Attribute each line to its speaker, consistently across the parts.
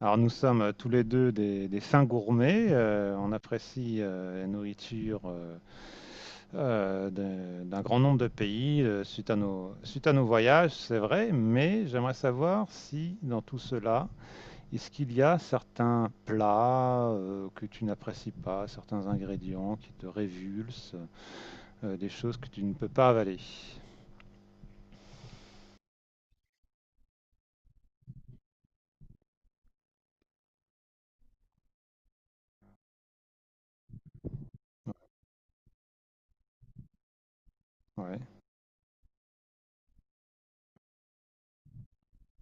Speaker 1: Alors nous sommes tous les deux des fins gourmets. On apprécie la nourriture d'un grand nombre de pays suite à nos voyages, c'est vrai, mais j'aimerais savoir si dans tout cela, est-ce qu'il y a certains plats que tu n'apprécies pas, certains ingrédients qui te révulsent, des choses que tu ne peux pas avaler. Ouais.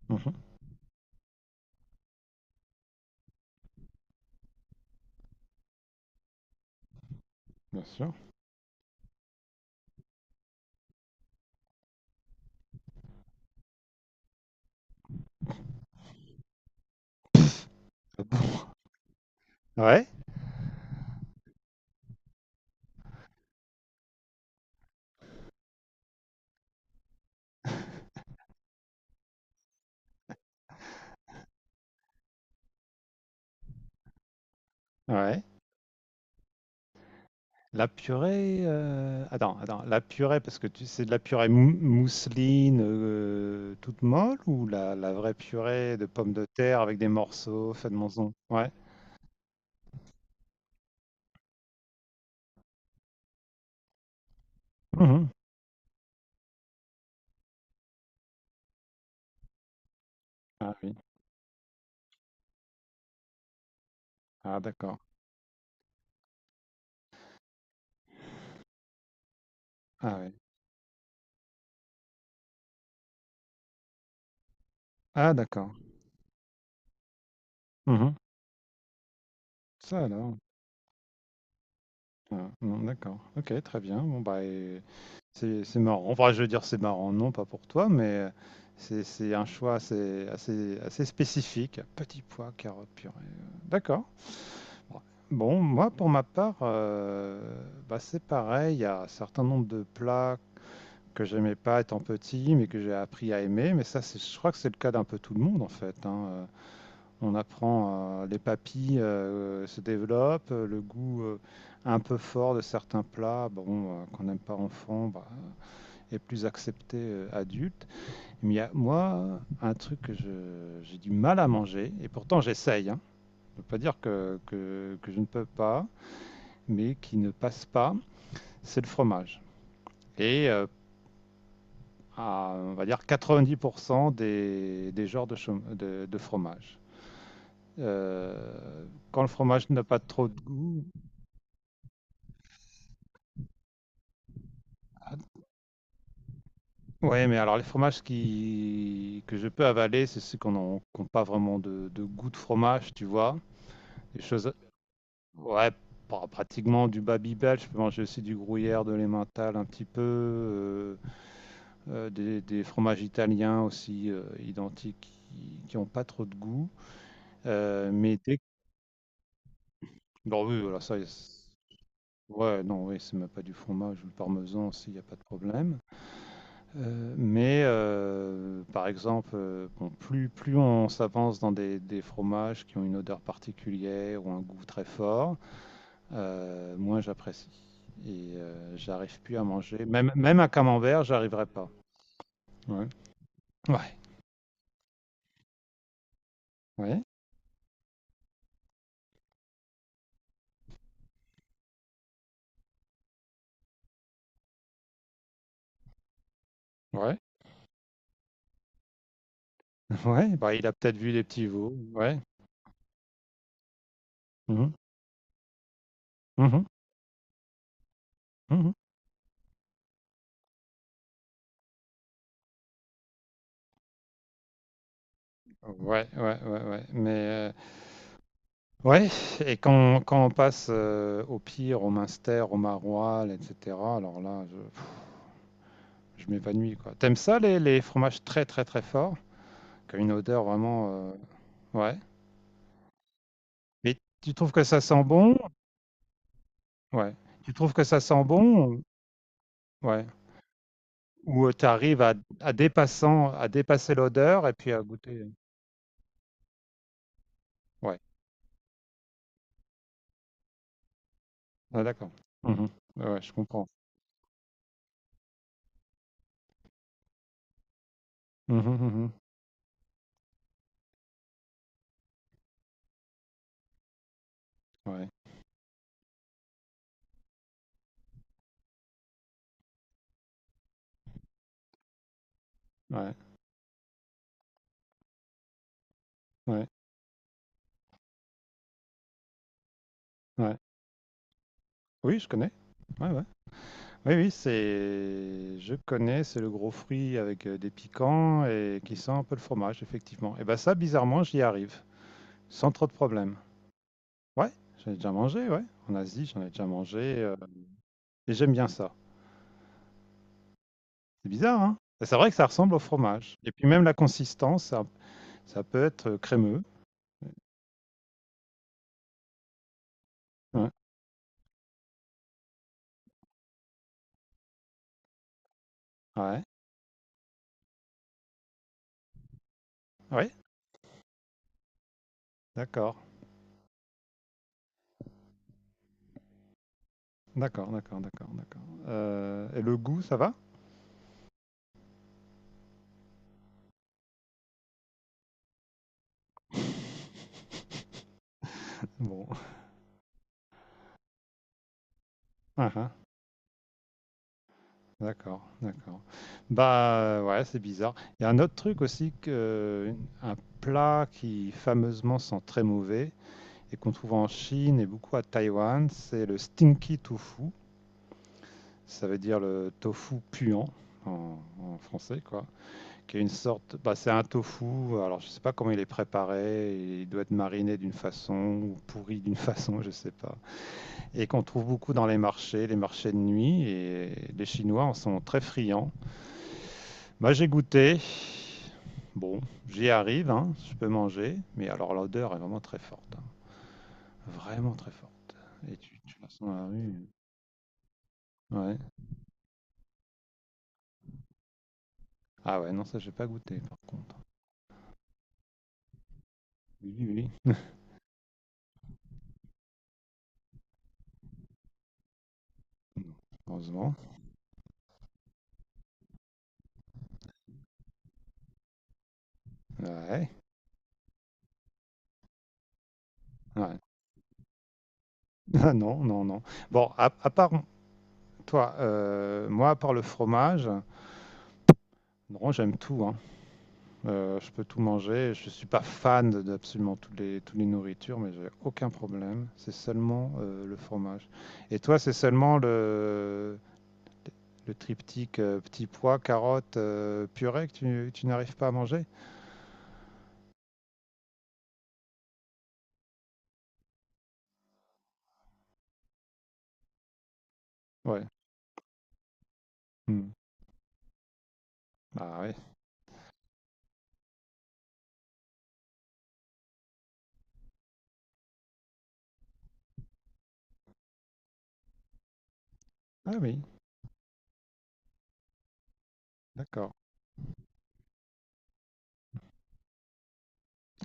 Speaker 1: Mhm. Bien sûr. Ah bon. Ouais. Ouais. La purée, attends, attends, la purée, parce que tu c'est de la purée mousseline toute molle ou la vraie purée de pommes de terre avec des morceaux faits de monzon? Ouais. Mhm. Ah oui. Ah d'accord. Ah oui. Ah d'accord. Mhm. Ça alors. Ah, non, d'accord. Ok, très bien. Bon bah et c'est marrant. Enfin, je veux dire c'est marrant, non, pas pour toi, mais c'est un choix assez spécifique. Petit pois, carottes, purée. D'accord. Bon, moi, pour ma part, bah, c'est pareil. Il y a un certain nombre de plats que j'aimais pas étant petit, mais que j'ai appris à aimer. Mais ça, c'est, je crois que c'est le cas d'un peu tout le monde, en fait, hein. On apprend, les papilles se développent, le goût un peu fort de certains plats, bon, qu'on n'aime pas enfant, bah, est plus accepté adulte. Mais il y a, moi, un truc que j'ai du mal à manger, et pourtant j'essaye, hein. Je ne veux pas dire que je ne peux pas, mais qui ne passe pas, c'est le fromage. Et à, on va dire, 90% des genres de fromage. Euh, Quand le fromage n'a pas trop de goût. Oui, mais alors les fromages que je peux avaler, c'est ceux qui n'ont pas vraiment de goût de fromage, tu vois. Des choses. Ouais, pratiquement du Babybel. Je peux manger aussi du gruyère, de l'emmental un petit peu. Fromages italiens aussi identiques qui n'ont pas trop de goût. Euh, mais dès que- Bon, oui, voilà, ouais, non, oui, c'est même pas du fromage ou le parmesan aussi, il n'y a pas de problème. Par exemple, bon, plus on s'avance dans des fromages qui ont une odeur particulière ou un goût très fort, moins j'apprécie. Et j'arrive plus à manger. Même un camembert, j'arriverai pas. Ouais. Ouais. Ouais. Ouais. Ouais, bah, il a peut-être vu des petits veaux, ouais. Mmh mh. Mmh. Mmh. Ouais, ouais, ouais, ouais, mais, ouais et quand on passe, au Pire, au Munster, au Maroilles et cetera, alors là, je pff, je m'évanouis, quoi. T'aimes ça les fromages très, très, très forts? Qui ont une odeur vraiment, ouais, mais tu trouves que ça sent bon? Ouais. Tu trouves que ça sent bon ou ouais, ou, tu arrives à dépassant à dépasser l'odeur et puis à goûter ouais, ah d'accord. Mmh. Ouais, ouais, je comprends. Mmh mh, mmh. Ouais, ouais, ouais, ouais. Oui, je connais. Ouais, ouais. Oui, oui, c'est. Je connais, c'est le gros fruit avec des piquants et qui sent un peu le fromage, effectivement. Et ben ça, bizarrement, j'y arrive, sans trop de problème. Ouais, j'en ai déjà mangé, ouais. En Asie, j'en ai déjà mangé. Et j'aime bien ça. C'est bizarre, hein? Et c'est vrai que ça ressemble au fromage. Et puis même la consistance, ça peut être crémeux. Ouais, ouais, ouais, d'accord. D'accord, d'accord, d'accord, d'accord. Et le goût, ça va? Bon, ah ah, d'accord, d'accord. Bah ouais, c'est bizarre. Il y a un autre truc aussi que un plat qui fameusement sent très mauvais et qu'on trouve en Chine et beaucoup à Taïwan, c'est le stinky tofu. Ça veut dire le tofu puant en français, quoi. Qui est une sorte, bah c'est un tofu. Alors je sais pas comment il est préparé. Il doit être mariné d'une façon ou pourri d'une façon, je sais pas. Et qu'on trouve beaucoup dans les marchés de nuit, et les Chinois en sont très friands. Moi, j'ai goûté. Bon, j'y arrive, hein, je peux manger, mais alors l'odeur est vraiment très forte, hein, vraiment très forte. Et tu la sens dans la rue. Ouais. Ah ouais, non, ça, j'ai pas goûté, par contre. Oui, oui, oui. Heureusement. Ouais, ouais. Ah non, non, non. Bon, à part toi, moi, à part le fromage, non, j'aime tout, hein. Je peux tout manger. Je suis pas fan d'absolument toutes toutes les nourritures, mais j'ai aucun problème. C'est seulement le fromage. Et toi, c'est seulement le triptyque petit pois, carotte, purée que tu n'arrives pas à manger? Ouais. Hmm. Ah oui. Ah oui. D'accord.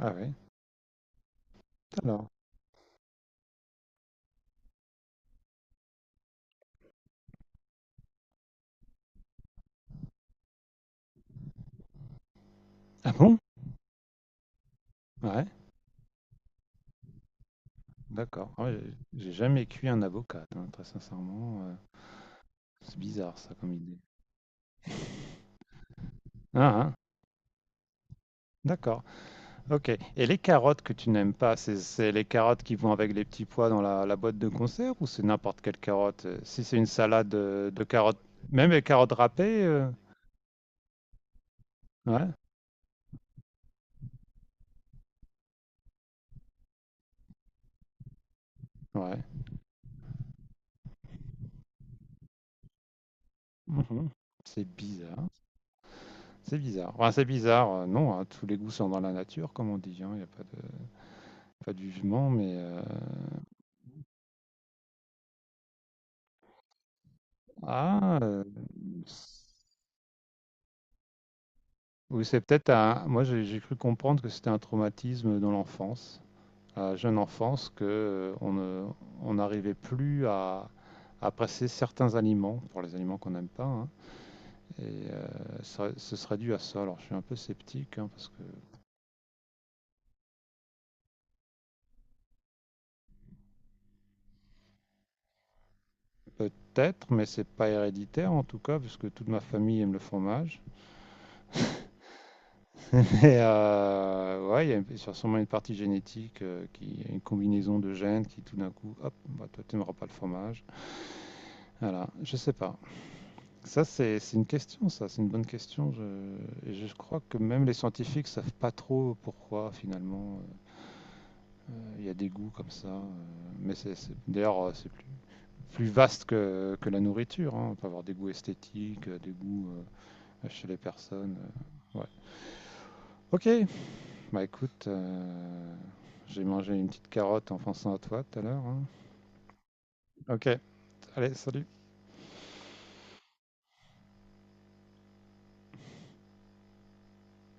Speaker 1: Ah oui. Alors. Ah bon? Ouais. D'accord. Ah ouais, j'ai jamais cuit un avocat, hein, très sincèrement. C'est bizarre ça comme idée. Ah, ah. D'accord. OK. Et les carottes que tu n'aimes pas, c'est les carottes qui vont avec les petits pois dans la boîte de concert ou c'est n'importe quelle carotte? Si c'est une salade de carottes, même les carottes râpées, ouais, ouais. Mhm. C'est bizarre. C'est bizarre. Enfin, c'est bizarre, non, hein, tous les goûts sont dans la nature, comme on dit, hein. Il n'y a pas pas de jugement, mais ah, euh, oui, c'est peut-être un. Moi, j'ai cru comprendre que c'était un traumatisme dans l'enfance. À jeune enfance que on ne- on n'arrivait plus à passer certains aliments, pour les aliments qu'on n'aime pas, hein. Et ce serait dû à ça. Alors je suis un peu sceptique, hein, parce que peut-être, mais c'est pas héréditaire en tout cas, puisque toute ma famille aime le fromage. Mais ouais, il y a sûrement une partie génétique, qui une combinaison de gènes qui tout d'un coup, hop, bah, toi tu n'aimeras pas le fromage. Voilà, je sais pas. Ça, c'est une question, ça, c'est une bonne question. Et je crois que même les scientifiques savent pas trop pourquoi, finalement, il y a des goûts comme ça. Mais d'ailleurs, c'est plus vaste que la nourriture, hein. On peut avoir des goûts esthétiques, des goûts chez les personnes. Ouais. Ok, bah écoute, j'ai mangé une petite carotte en pensant à toi tout à l'heure, hein. Ok, allez, salut.